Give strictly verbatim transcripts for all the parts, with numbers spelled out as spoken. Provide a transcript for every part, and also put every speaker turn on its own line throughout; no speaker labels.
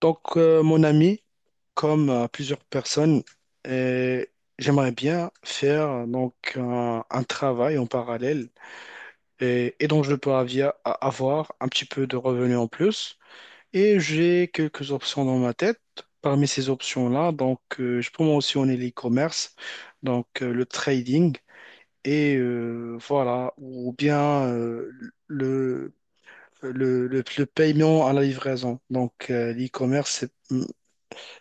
Donc, euh, mon ami, comme euh, plusieurs personnes, euh, j'aimerais bien faire euh, donc un, un travail en parallèle et, et donc je peux avia- a- avoir un petit peu de revenus en plus. Et j'ai quelques options dans ma tête. Parmi ces options-là, donc euh, je peux mentionner l'e-commerce, donc euh, le trading et euh, voilà, ou bien euh, le, le, le, le paiement à la livraison. Donc euh, l'e-commerce, c'est mm,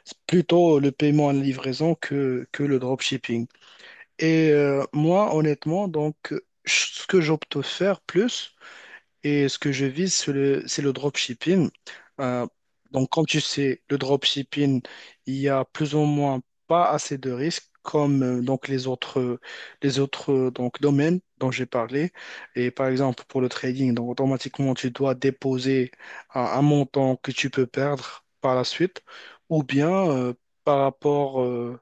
c'est plutôt le paiement en livraison que, que le dropshipping. Et euh, moi, honnêtement, donc, ce que j'opte faire plus, et ce que je vise, c'est le, c'est le dropshipping. Euh, donc, comme tu sais, le dropshipping, il y a plus ou moins pas assez de risques comme euh, donc les autres, les autres euh, donc, domaines dont j'ai parlé. Et par exemple, pour le trading, donc automatiquement, tu dois déposer un, un montant que tu peux perdre par la suite ou bien euh, par rapport euh,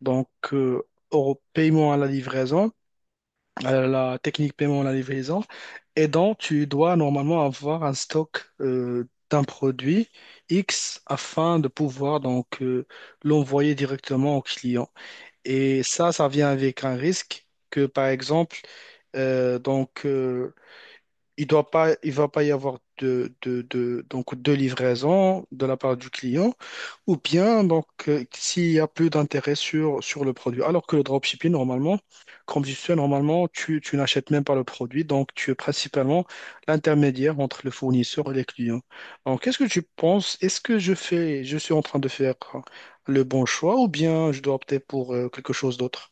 donc, euh, au paiement à la livraison, euh, la technique paiement à la livraison. Et donc, tu dois normalement avoir un stock euh, d'un produit X afin de pouvoir donc euh, l'envoyer directement au client. Et ça, ça vient avec un risque que, par exemple, euh, donc, euh, il doit pas, il va pas y avoir de, de, de, donc de livraison de la part du client, ou bien donc euh, s'il y a plus d'intérêt sur, sur le produit. Alors que le dropshipping, normalement, comme je sais, normalement, tu, tu n'achètes même pas le produit, donc tu es principalement l'intermédiaire entre le fournisseur et les clients. Donc, qu'est-ce que tu penses? Est-ce que je fais, je suis en train de faire le bon choix, ou bien je dois opter pour euh, quelque chose d'autre?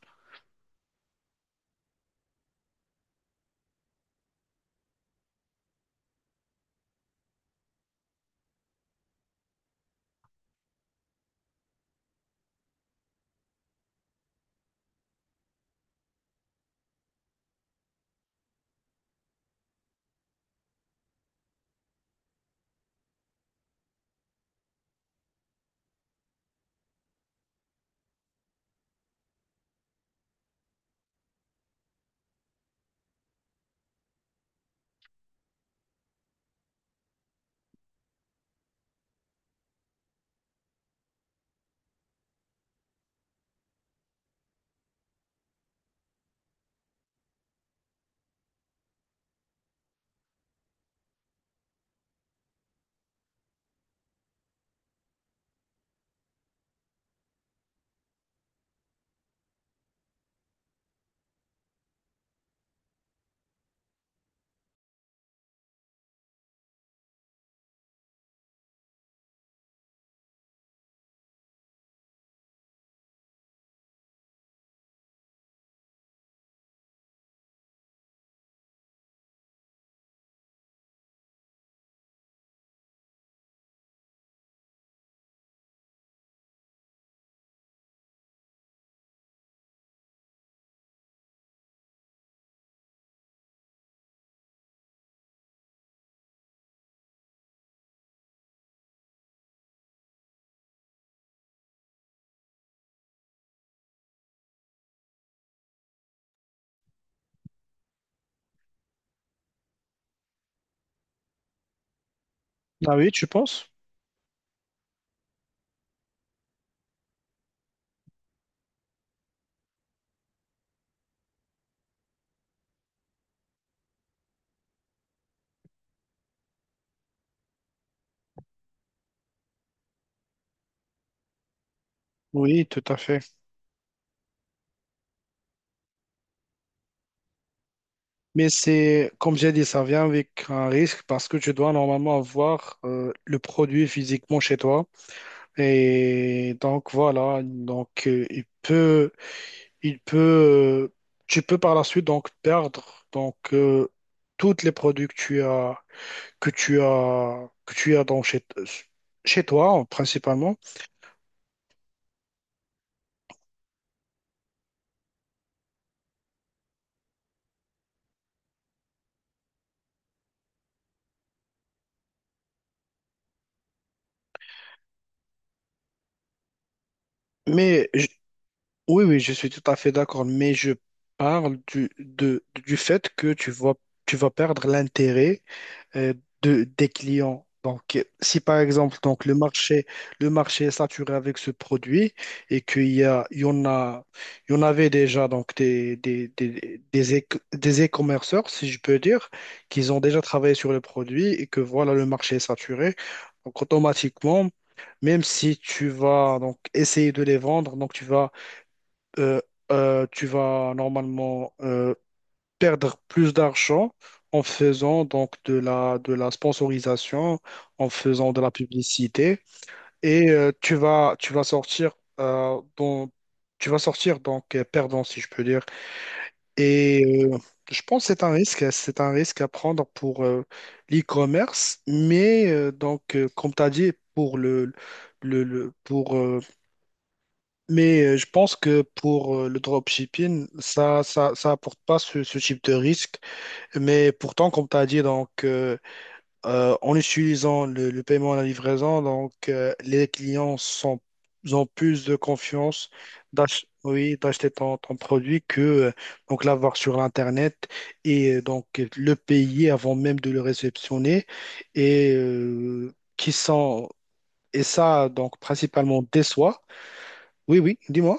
Ah oui, tu penses? Oui, tout à fait. Mais c'est, comme j'ai dit, ça vient avec un risque parce que tu dois normalement avoir euh, le produit physiquement chez toi. Et donc voilà, donc euh, il peut, il peut, euh, tu peux par la suite donc perdre donc euh, tous les produits que tu as, que tu as, que tu as donc chez, chez toi euh, principalement. Mais je- oui, oui, je suis tout à fait d'accord. Mais je parle du, de, du fait que tu vas, tu vas perdre l'intérêt euh, de, des clients. Donc, euh, si par exemple donc, le marché, le marché est saturé avec ce produit et qu'il y a, il y en a, il y en avait déjà donc, des, des, des, des, éco- des e-commerceurs, si je peux dire, qu'ils ont déjà travaillé sur le produit et que voilà, le marché est saturé. Donc, automatiquement, même si tu vas donc essayer de les vendre, donc tu vas, euh, euh, tu vas normalement euh, perdre plus d'argent en faisant donc de la, de la sponsorisation, en faisant de la publicité et euh, tu vas, tu vas sortir euh, dans- tu vas sortir donc euh, perdant si je peux dire. Et euh, je pense que c'est un risque, c'est un risque à prendre pour euh, l'e-commerce, mais euh, donc euh, comme tu as dit pour le Le, le- pour, euh, mais euh, je pense que pour euh, le dropshipping, ça, ça, ça apporte pas ce, ce type de risque. Mais pourtant, comme tu as dit, donc, euh, euh, en utilisant le, le paiement à la livraison, donc, euh, les clients sont, ont plus de confiance d'ach- oui, d'acheter ton, ton produit que euh, donc, l'avoir sur Internet et euh, donc le payer avant même de le réceptionner. Et, euh, qui sont, et ça, donc, principalement des soins. Oui, oui, dis-moi.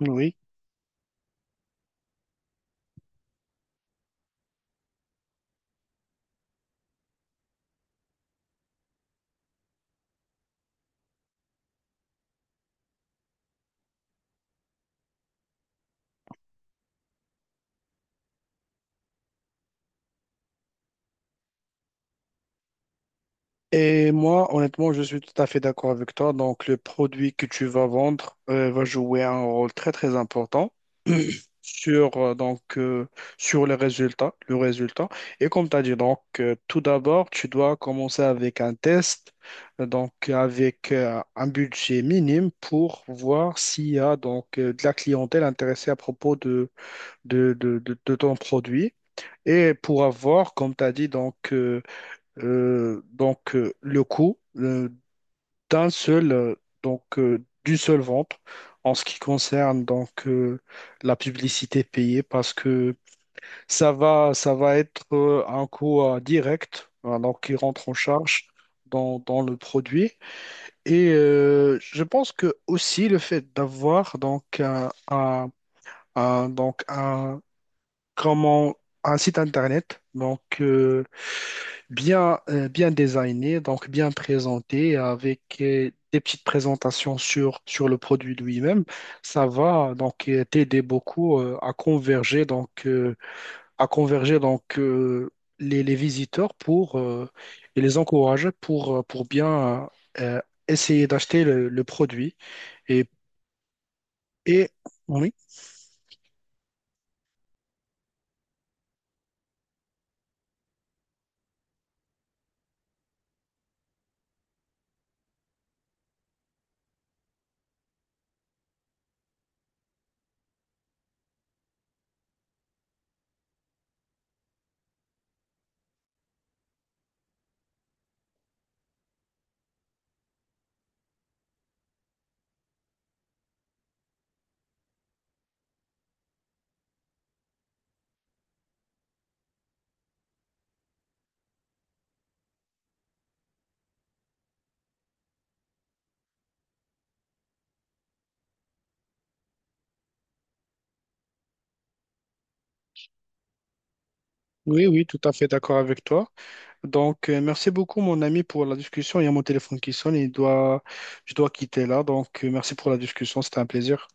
Oui. Et moi, honnêtement, je suis tout à fait d'accord avec toi. Donc, le produit que tu vas vendre euh, va jouer un rôle très, très important sur, euh, donc, euh, sur le résultat, le résultat. Et comme tu as dit, donc, euh, tout d'abord, tu dois commencer avec un test, euh, donc avec euh, un budget minime pour voir s'il y a donc, euh, de la clientèle intéressée à propos de, de, de, de- de ton produit. Et pour avoir, comme tu as dit, donc, euh, euh, donc euh, le coût euh, d'un seul, euh, donc euh, d'une seule vente en ce qui concerne donc euh, la publicité payée, parce que ça va, ça va être euh, un coût euh, direct, hein, donc qui rentre en charge dans, dans le produit. Et euh, je pense que aussi le fait d'avoir donc un, un- un- donc comment un site internet, donc euh, bien, euh, bien designé, donc bien présenté, avec euh, des petites présentations sur, sur le produit lui-même, ça va donc euh, t'aider beaucoup euh, à converger donc euh, à converger donc euh, les, les visiteurs pour euh, et les encourager pour euh, pour bien euh, essayer d'acheter le, le produit et et oui, oui, oui, tout à fait d'accord avec toi. Donc, euh, merci beaucoup, mon ami, pour la discussion. Il y a mon téléphone qui sonne et il doit, je dois quitter là. Donc, euh, merci pour la discussion. C'était un plaisir.